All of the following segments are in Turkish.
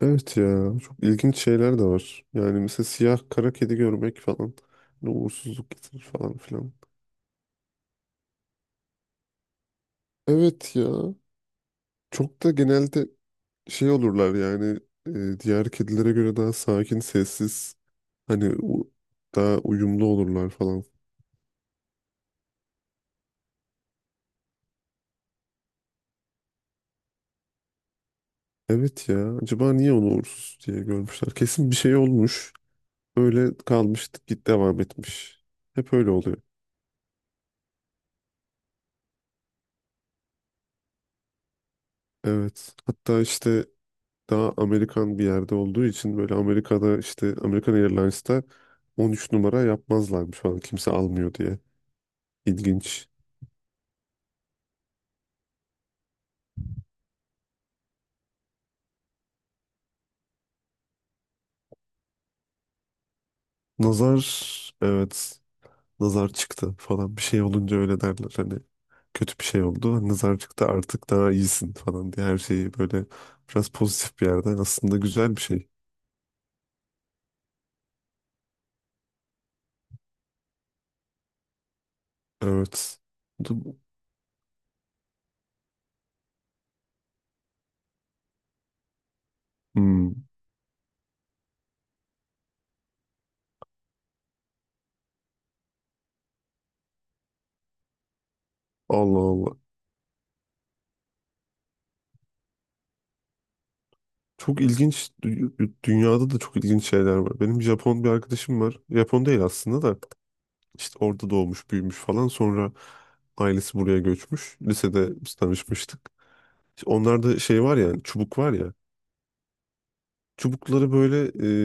Evet ya çok ilginç şeyler de var. Yani mesela siyah kara kedi görmek falan hani uğursuzluk getirir falan filan. Evet ya çok da genelde şey olurlar yani diğer kedilere göre daha sakin sessiz hani daha uyumlu olurlar falan. Evet ya acaba niye onu uğursuz diye görmüşler? Kesin bir şey olmuş öyle kalmış git devam etmiş. Hep öyle oluyor. Evet hatta işte daha Amerikan bir yerde olduğu için böyle Amerika'da işte American Airlines'ta 13 numara yapmazlarmış falan kimse almıyor diye. İlginç. Nazar evet nazar çıktı falan bir şey olunca öyle derler hani kötü bir şey oldu. Hani nazar çıktı artık daha iyisin falan diye her şeyi böyle biraz pozitif bir yerden aslında güzel bir şey. Evet. Du- Hmm. Allah Allah. Çok ilginç dünyada da çok ilginç şeyler var. Benim Japon bir arkadaşım var. Japon değil aslında da. İşte orada doğmuş, büyümüş falan. Sonra ailesi buraya göçmüş. Lisede biz tanışmıştık. İşte onlarda şey var ya, hani çubuk var ya. Çubukları böyle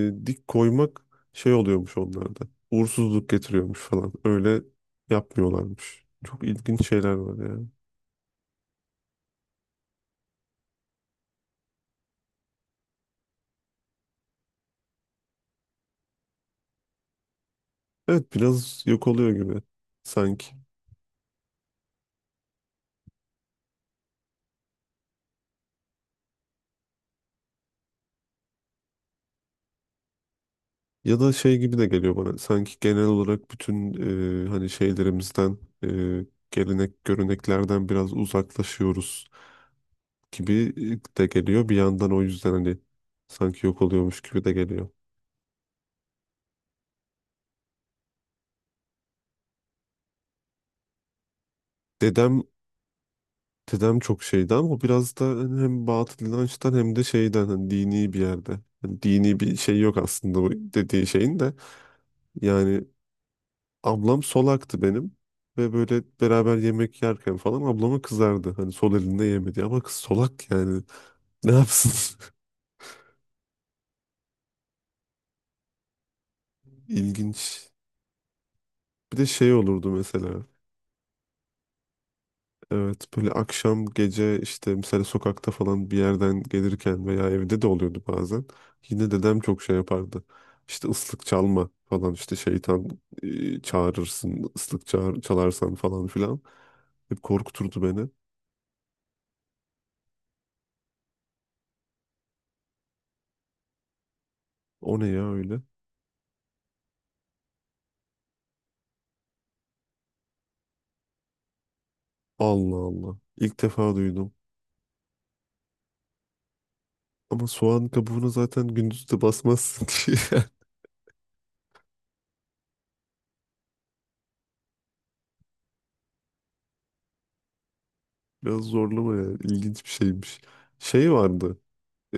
dik koymak şey oluyormuş onlarda. Uğursuzluk getiriyormuş falan. Öyle yapmıyorlarmış. Çok ilginç şeyler var ya. Evet biraz yok oluyor gibi sanki. Ya da şey gibi de geliyor bana. Sanki genel olarak bütün hani şeylerimizden, e, gelenek, göreneklerden biraz uzaklaşıyoruz gibi de geliyor. Bir yandan o yüzden hani sanki yok oluyormuş gibi de geliyor. Dedem dedem çok şeydi ama o biraz da hani hem batıl inançtan hem de şeyden hani dini bir yerde. Hani dini bir şey yok aslında bu dediği şeyin de. Yani ablam solaktı benim ve böyle beraber yemek yerken falan ablama kızardı. Hani sol elinde yemedi ama kız solak yani ne yapsın? İlginç. Bir de şey olurdu mesela. Evet böyle akşam gece işte mesela sokakta falan bir yerden gelirken veya evde de oluyordu bazen. Yine dedem çok şey yapardı. İşte ıslık çalma falan işte şeytan çağırırsın ıslık çağır, çalarsan falan filan. Hep korkuturdu beni. O ne ya öyle? Allah Allah. İlk defa duydum. Ama soğan kabuğuna zaten gündüz de basmazsın diye. Biraz zorlama ya. İlginç bir şeymiş. Şey vardı.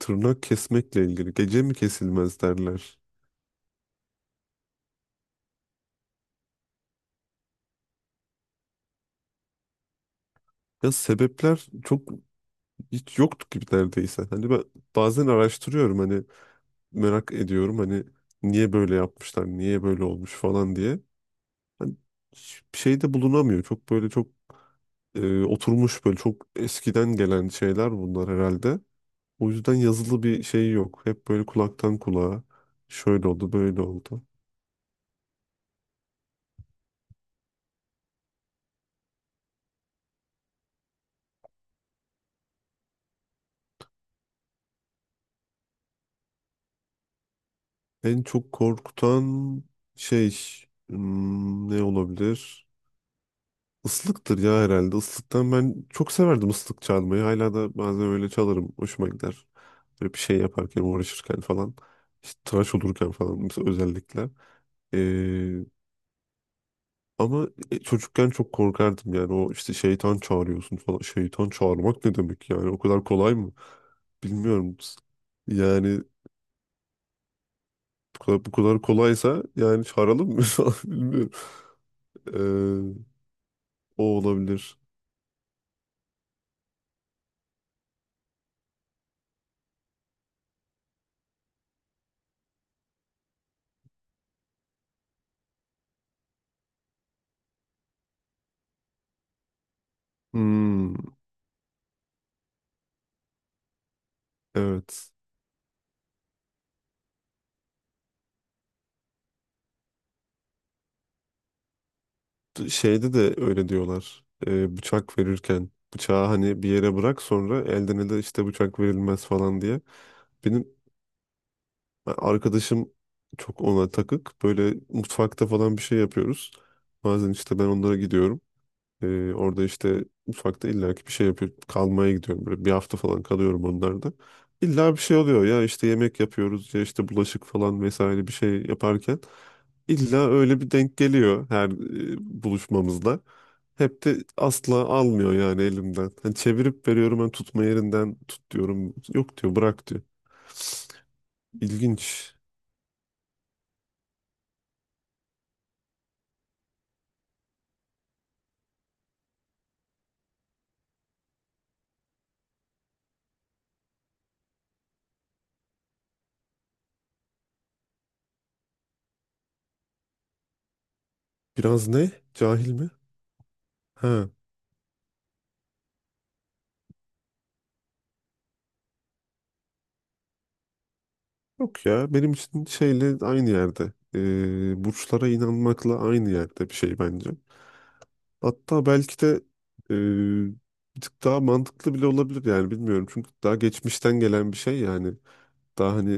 Tırnak kesmekle ilgili. Gece mi kesilmez derler. Ya sebepler çok hiç yoktu gibi neredeyse. Hani ben bazen araştırıyorum hani merak ediyorum hani niye böyle yapmışlar, niye böyle olmuş falan diye. Hani hiçbir şey de bulunamıyor. Çok böyle çok oturmuş böyle çok eskiden gelen şeyler bunlar herhalde. O yüzden yazılı bir şey yok. Hep böyle kulaktan kulağa şöyle oldu, böyle oldu. En çok korkutan şey ne olabilir? Islıktır ya herhalde. Islıktan ben çok severdim ıslık çalmayı. Hala da bazen öyle çalarım. Hoşuma gider. Böyle bir şey yaparken, uğraşırken falan. İşte tıraş olurken falan mesela özellikle. Ee, ama çocukken çok korkardım yani. O işte şeytan çağırıyorsun falan. Şeytan çağırmak ne demek yani? O kadar kolay mı? Bilmiyorum. Yani bu kadar, bu kadar kolaysa yani çağıralım mı? falan. Bilmiyorum. Ee, o olabilir. Hmm, evet. Şeyde de öyle diyorlar. Bıçak verirken bıçağı hani bir yere bırak sonra elden ele işte bıçak verilmez falan diye. Benim arkadaşım çok ona takık. Böyle mutfakta falan bir şey yapıyoruz. Bazen işte ben onlara gidiyorum. Orada işte mutfakta illaki bir şey yapıyor. Kalmaya gidiyorum böyle bir hafta falan kalıyorum onlarda. İlla bir şey oluyor ya işte yemek yapıyoruz ya işte bulaşık falan vesaire bir şey yaparken. İlla öyle bir denk geliyor her e, buluşmamızda. Hep de asla almıyor yani elimden. Hani çevirip veriyorum ben tutma yerinden tut diyorum. Yok diyor bırak diyor. İlginç. Biraz ne? Cahil mi? Ha. Yok ya benim için şeyle aynı yerde. Burçlara inanmakla aynı yerde bir şey bence. Hatta belki de e, bir tık daha mantıklı bile olabilir yani bilmiyorum. Çünkü daha geçmişten gelen bir şey yani. Daha hani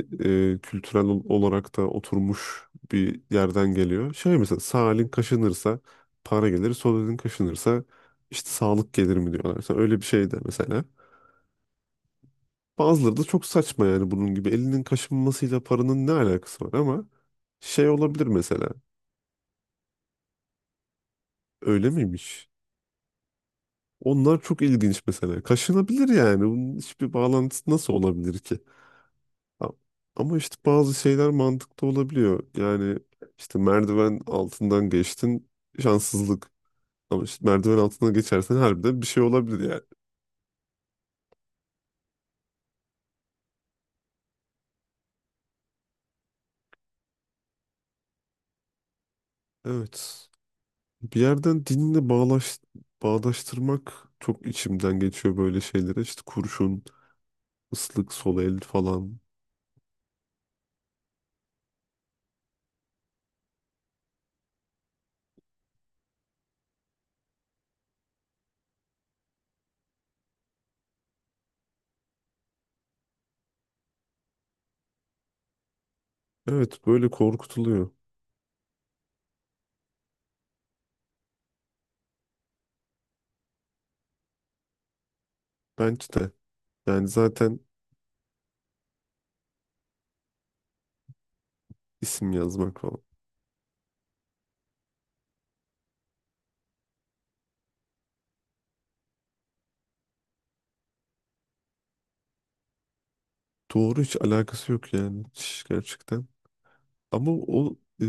kültürel olarak da oturmuş bir yerden geliyor. Şey mesela sağ elin kaşınırsa para gelir, sol elin kaşınırsa işte sağlık gelir mi diyorlar. Mesela öyle bir şey de mesela. Bazıları da çok saçma yani bunun gibi. Elinin kaşınmasıyla paranın ne alakası var ama şey olabilir mesela. Öyle miymiş? Onlar çok ilginç mesela. Kaşınabilir yani. Bunun hiçbir bağlantısı nasıl olabilir ki? A- Ama işte bazı şeyler mantıklı olabiliyor. Yani işte merdiven altından geçtin şanssızlık. Ama işte merdiven altından geçersen harbiden bir şey olabilir yani. Evet. Bir yerden dinle bağlaş, bağdaştırmak çok içimden geçiyor böyle şeylere. İşte kurşun, ıslık, sol el falan. Evet böyle korkutuluyor. Bence de. Yani zaten isim yazmak falan. Doğru hiç alakası yok yani. Hiç gerçekten. Ama o e,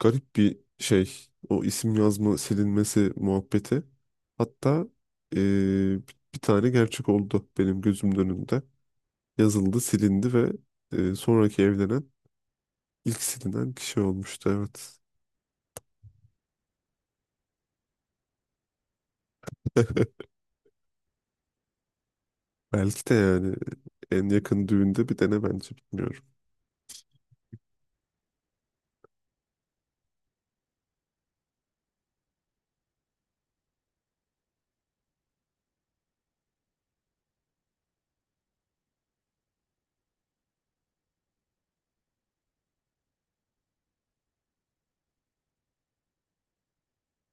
garip bir şey. O isim yazma silinmesi muhabbeti. Hatta e, bir tane gerçek oldu benim gözümün önünde. Yazıldı, silindi ve sonraki evlenen ilk silinen kişi olmuştu. Evet. Belki de yani en yakın düğünde bir dene bence bilmiyorum.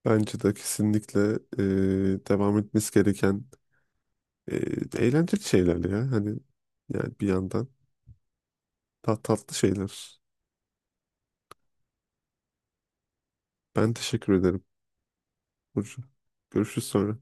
Bence de kesinlikle devam etmesi gereken e, eğlenceli şeyler ya. Hani yani bir yandan tatlı şeyler. Ben teşekkür ederim Burcu. Görüşürüz sonra.